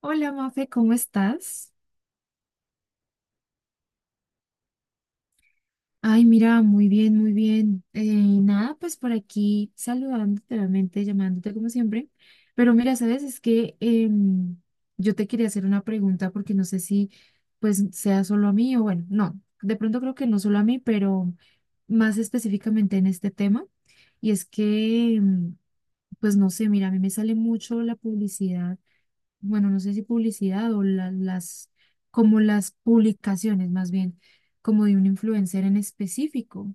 Hola, Mafe, ¿cómo estás? Ay, mira, muy bien, muy bien. Nada, pues por aquí saludándote, obviamente, llamándote como siempre. Pero mira, sabes, es que yo te quería hacer una pregunta porque no sé si pues sea solo a mí o bueno, no, de pronto creo que no solo a mí, pero más específicamente en este tema. Y es que, pues no sé, mira, a mí me sale mucho la publicidad, bueno, no sé si publicidad o las, como las publicaciones más bien, como de un influencer en específico.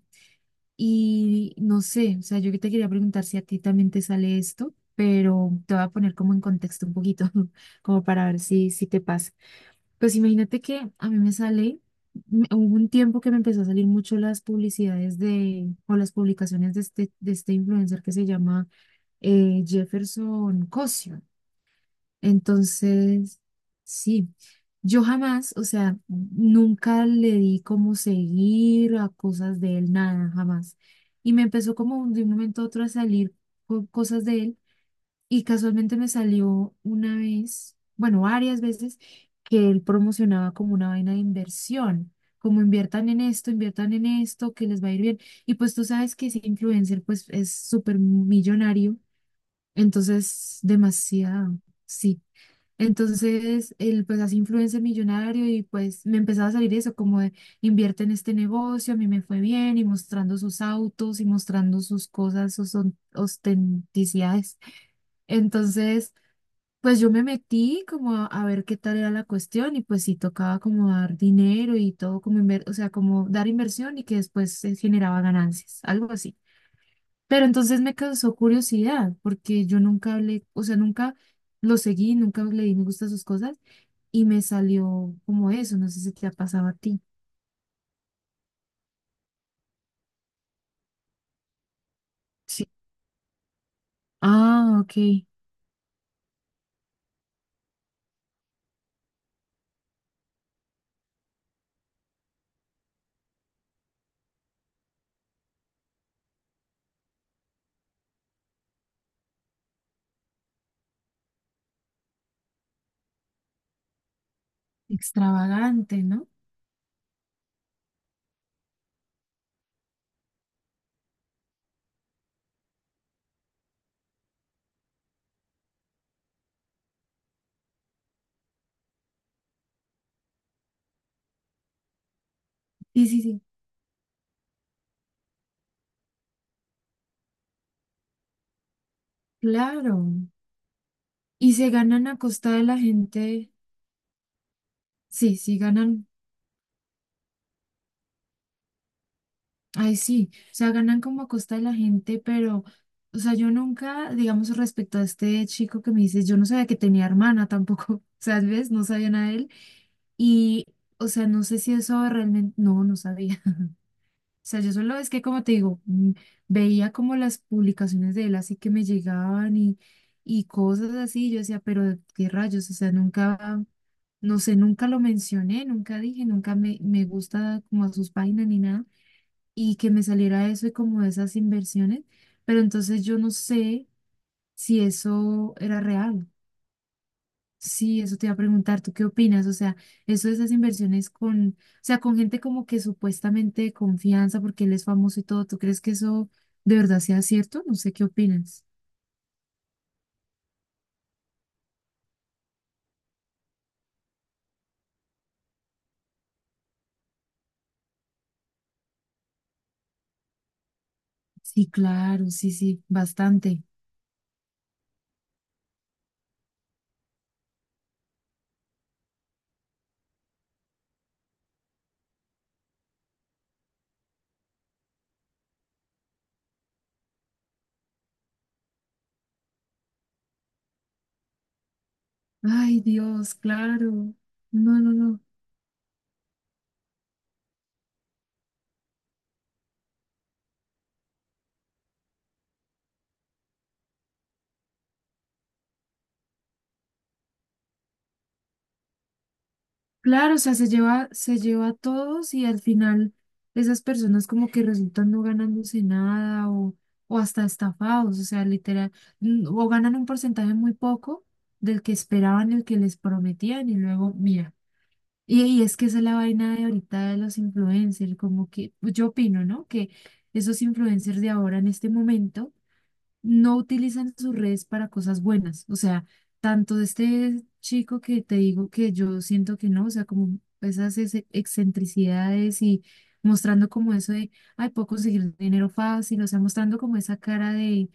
Y no sé, o sea, yo que te quería preguntar si a ti también te sale esto, pero te voy a poner como en contexto un poquito, como para ver si te pasa. Pues imagínate que a mí me sale, hubo un tiempo que me empezó a salir mucho las publicidades de, o las publicaciones de este influencer que se llama Jefferson Cosio. Entonces, sí, yo jamás, o sea, nunca le di como seguir a cosas de él, nada, jamás. Y me empezó como de un momento a otro a salir cosas de él y casualmente me salió una vez, bueno, varias veces, que él promocionaba como una vaina de inversión, como inviertan en esto, que les va a ir bien. Y pues tú sabes que ese influencer pues es súper millonario, entonces demasiado. Sí. Entonces, él pues así influencer millonario y pues me empezaba a salir eso, como de invierte en este negocio, a mí me fue bien y mostrando sus autos y mostrando sus cosas, sus ostenticidades. Entonces, pues yo me metí como a ver qué tal era la cuestión y pues sí tocaba como dar dinero y todo, como o sea, como dar inversión y que después se generaba ganancias, algo así. Pero entonces me causó curiosidad porque yo nunca hablé, o sea, nunca lo seguí, nunca le di me gusta a sus cosas y me salió como eso, no sé si te ha pasado a ti. Sí, ah, ok, extravagante, ¿no? Sí, sí, sí, claro. Y se ganan a costa de la gente, sí, sí, ganan, ay, sí, o sea, ganan como a costa de la gente, pero, o sea, yo nunca, digamos, respecto a este chico que me dices, yo no sabía que tenía hermana tampoco, o sea, ¿ves? No sabía nada de él. Y, o sea, no sé si eso realmente, no, no sabía. O sea, yo solo es que, como te digo, veía como las publicaciones de él así que me llegaban y cosas así. Yo decía, pero qué rayos, o sea, nunca, no sé, nunca lo mencioné, nunca dije, nunca me gusta como a sus páginas ni nada. Y que me saliera eso y como esas inversiones. Pero entonces yo no sé si eso era real. Sí, eso te iba a preguntar, ¿tú qué opinas? O sea, eso de esas inversiones con, o sea, con gente como que supuestamente de confianza porque él es famoso y todo, ¿tú crees que eso de verdad sea cierto? No sé qué opinas. Sí, claro, sí, sí, bastante. Ay, Dios, claro. No, no, no. Claro, o sea, se lleva a todos y al final esas personas como que resultan no ganándose nada o hasta estafados, o sea, literal, o ganan un porcentaje muy poco del que esperaban, el que les prometían y luego, mira. Y es que esa es la vaina de ahorita de los influencers, como que pues, yo opino, ¿no? Que esos influencers de ahora en este momento no utilizan sus redes para cosas buenas. O sea, tanto de este chico que te digo que yo siento que no, o sea, como esas excentricidades y mostrando como eso de, ay, puedo conseguir dinero fácil, o sea, mostrando como esa cara de,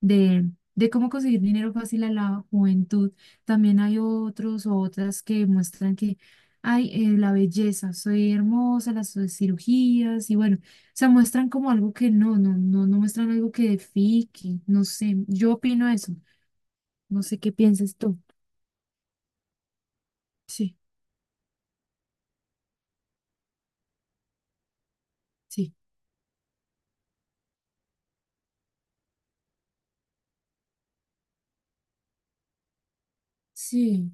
de, de cómo conseguir dinero fácil a la juventud. También hay otros o otras que muestran que, ay, la belleza, soy hermosa, las cirugías y bueno sea, muestran como algo que no, no, no, no muestran algo que edifique, no sé, yo opino eso, no sé qué piensas tú. Sí, sí. Sí,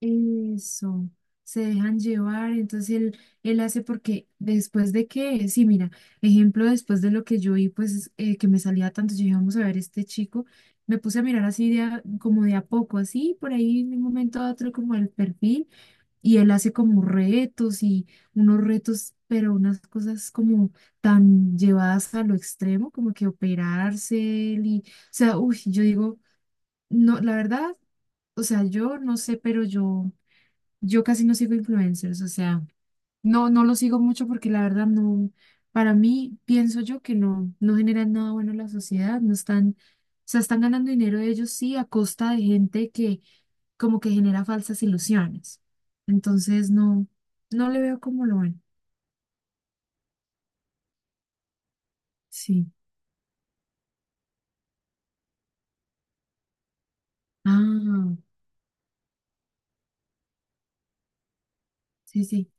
eso. Se dejan llevar, entonces él hace porque después de que, sí, mira, ejemplo, después de lo que yo vi, pues que me salía tanto, yo dije, vamos a ver este chico, me puse a mirar así de como de a poco, así, por ahí en un momento a otro como el perfil. Y él hace como retos y unos retos, pero unas cosas como tan llevadas a lo extremo, como que operarse él y, o sea, uy, yo digo, no, la verdad, o sea, yo no sé, pero yo casi no sigo influencers, o sea, no, no lo sigo mucho porque la verdad no, para mí pienso yo que no, no generan nada bueno en la sociedad, no están, o sea, están ganando dinero ellos sí a costa de gente que como que genera falsas ilusiones. Entonces no, no le veo como lo bueno. Sí. Ah, sí, sí.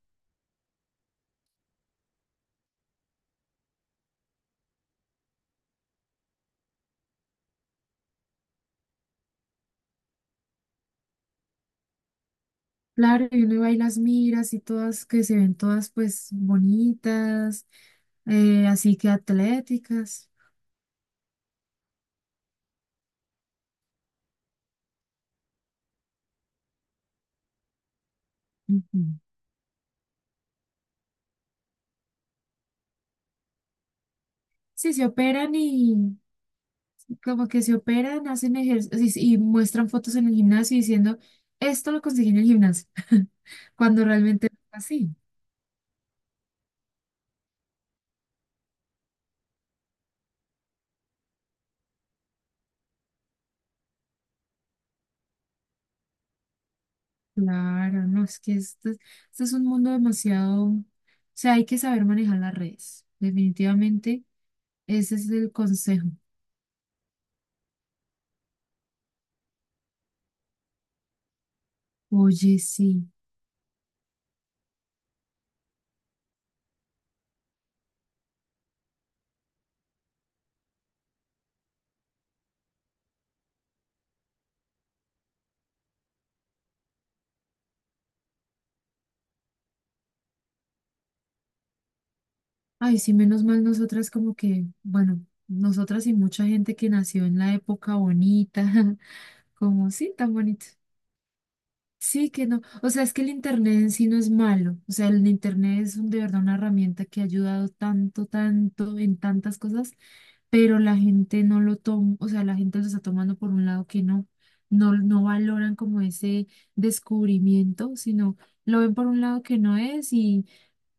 Claro, y uno iba y las miras y todas que se ven todas pues bonitas, así que atléticas. Ujú. Sí, se operan y como que se operan, hacen ejercicios y muestran fotos en el gimnasio diciendo, esto lo conseguí en el gimnasio, cuando realmente no es así. Claro, no, es que esto, esto es un mundo demasiado, o sea, hay que saber manejar las redes, definitivamente, ese es el consejo. Oye, sí, ay, sí, menos mal nosotras como que, bueno, nosotras y mucha gente que nació en la época bonita, como sí, tan bonito. Sí, que no. O sea, es que el Internet en sí no es malo. O sea, el Internet es de verdad una herramienta que ha ayudado tanto, tanto en tantas cosas, pero la gente no lo toma, o sea, la gente lo está tomando por un lado que no, no, no valoran como ese descubrimiento, sino lo ven por un lado que no es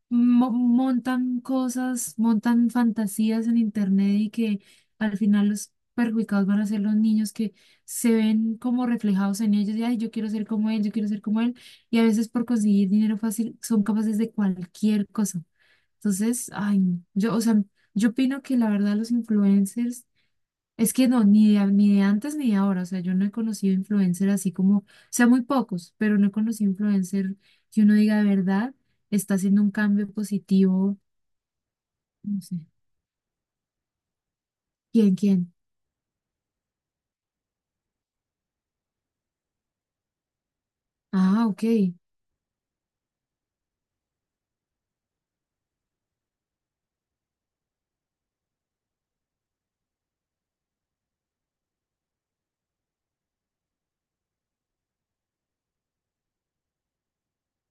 montan cosas, montan fantasías en internet y que al final los perjudicados van a ser los niños que se ven como reflejados en ellos y ay, yo quiero ser como él, yo quiero ser como él, y a veces por conseguir dinero fácil son capaces de cualquier cosa. Entonces, ay, no. Yo, o sea, yo opino que la verdad los influencers es que no, ni de, ni de antes ni de ahora, o sea, yo no he conocido influencer así como, o sea, muy pocos, pero no he conocido influencer que uno diga de verdad, está haciendo un cambio positivo, no sé. ¿Quién, quién? Ah, ok.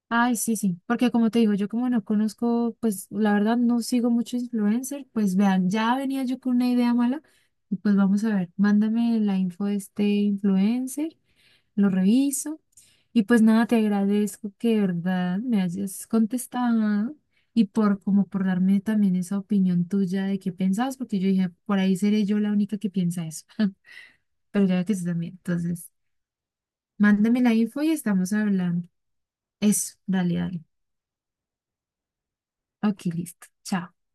Ay, sí, sí, porque como te digo, yo como no conozco, pues la verdad no sigo mucho influencer, pues vean, ya venía yo con una idea mala y pues vamos a ver, mándame la info de este influencer, lo reviso. Y pues nada, te agradezco que de verdad me hayas contestado y por como por darme también esa opinión tuya de qué pensabas, porque yo dije, por ahí seré yo la única que piensa eso. Pero ya veo que sí también. Entonces, mándame la info y estamos hablando. Eso, dale, dale. Ok, listo. Chao.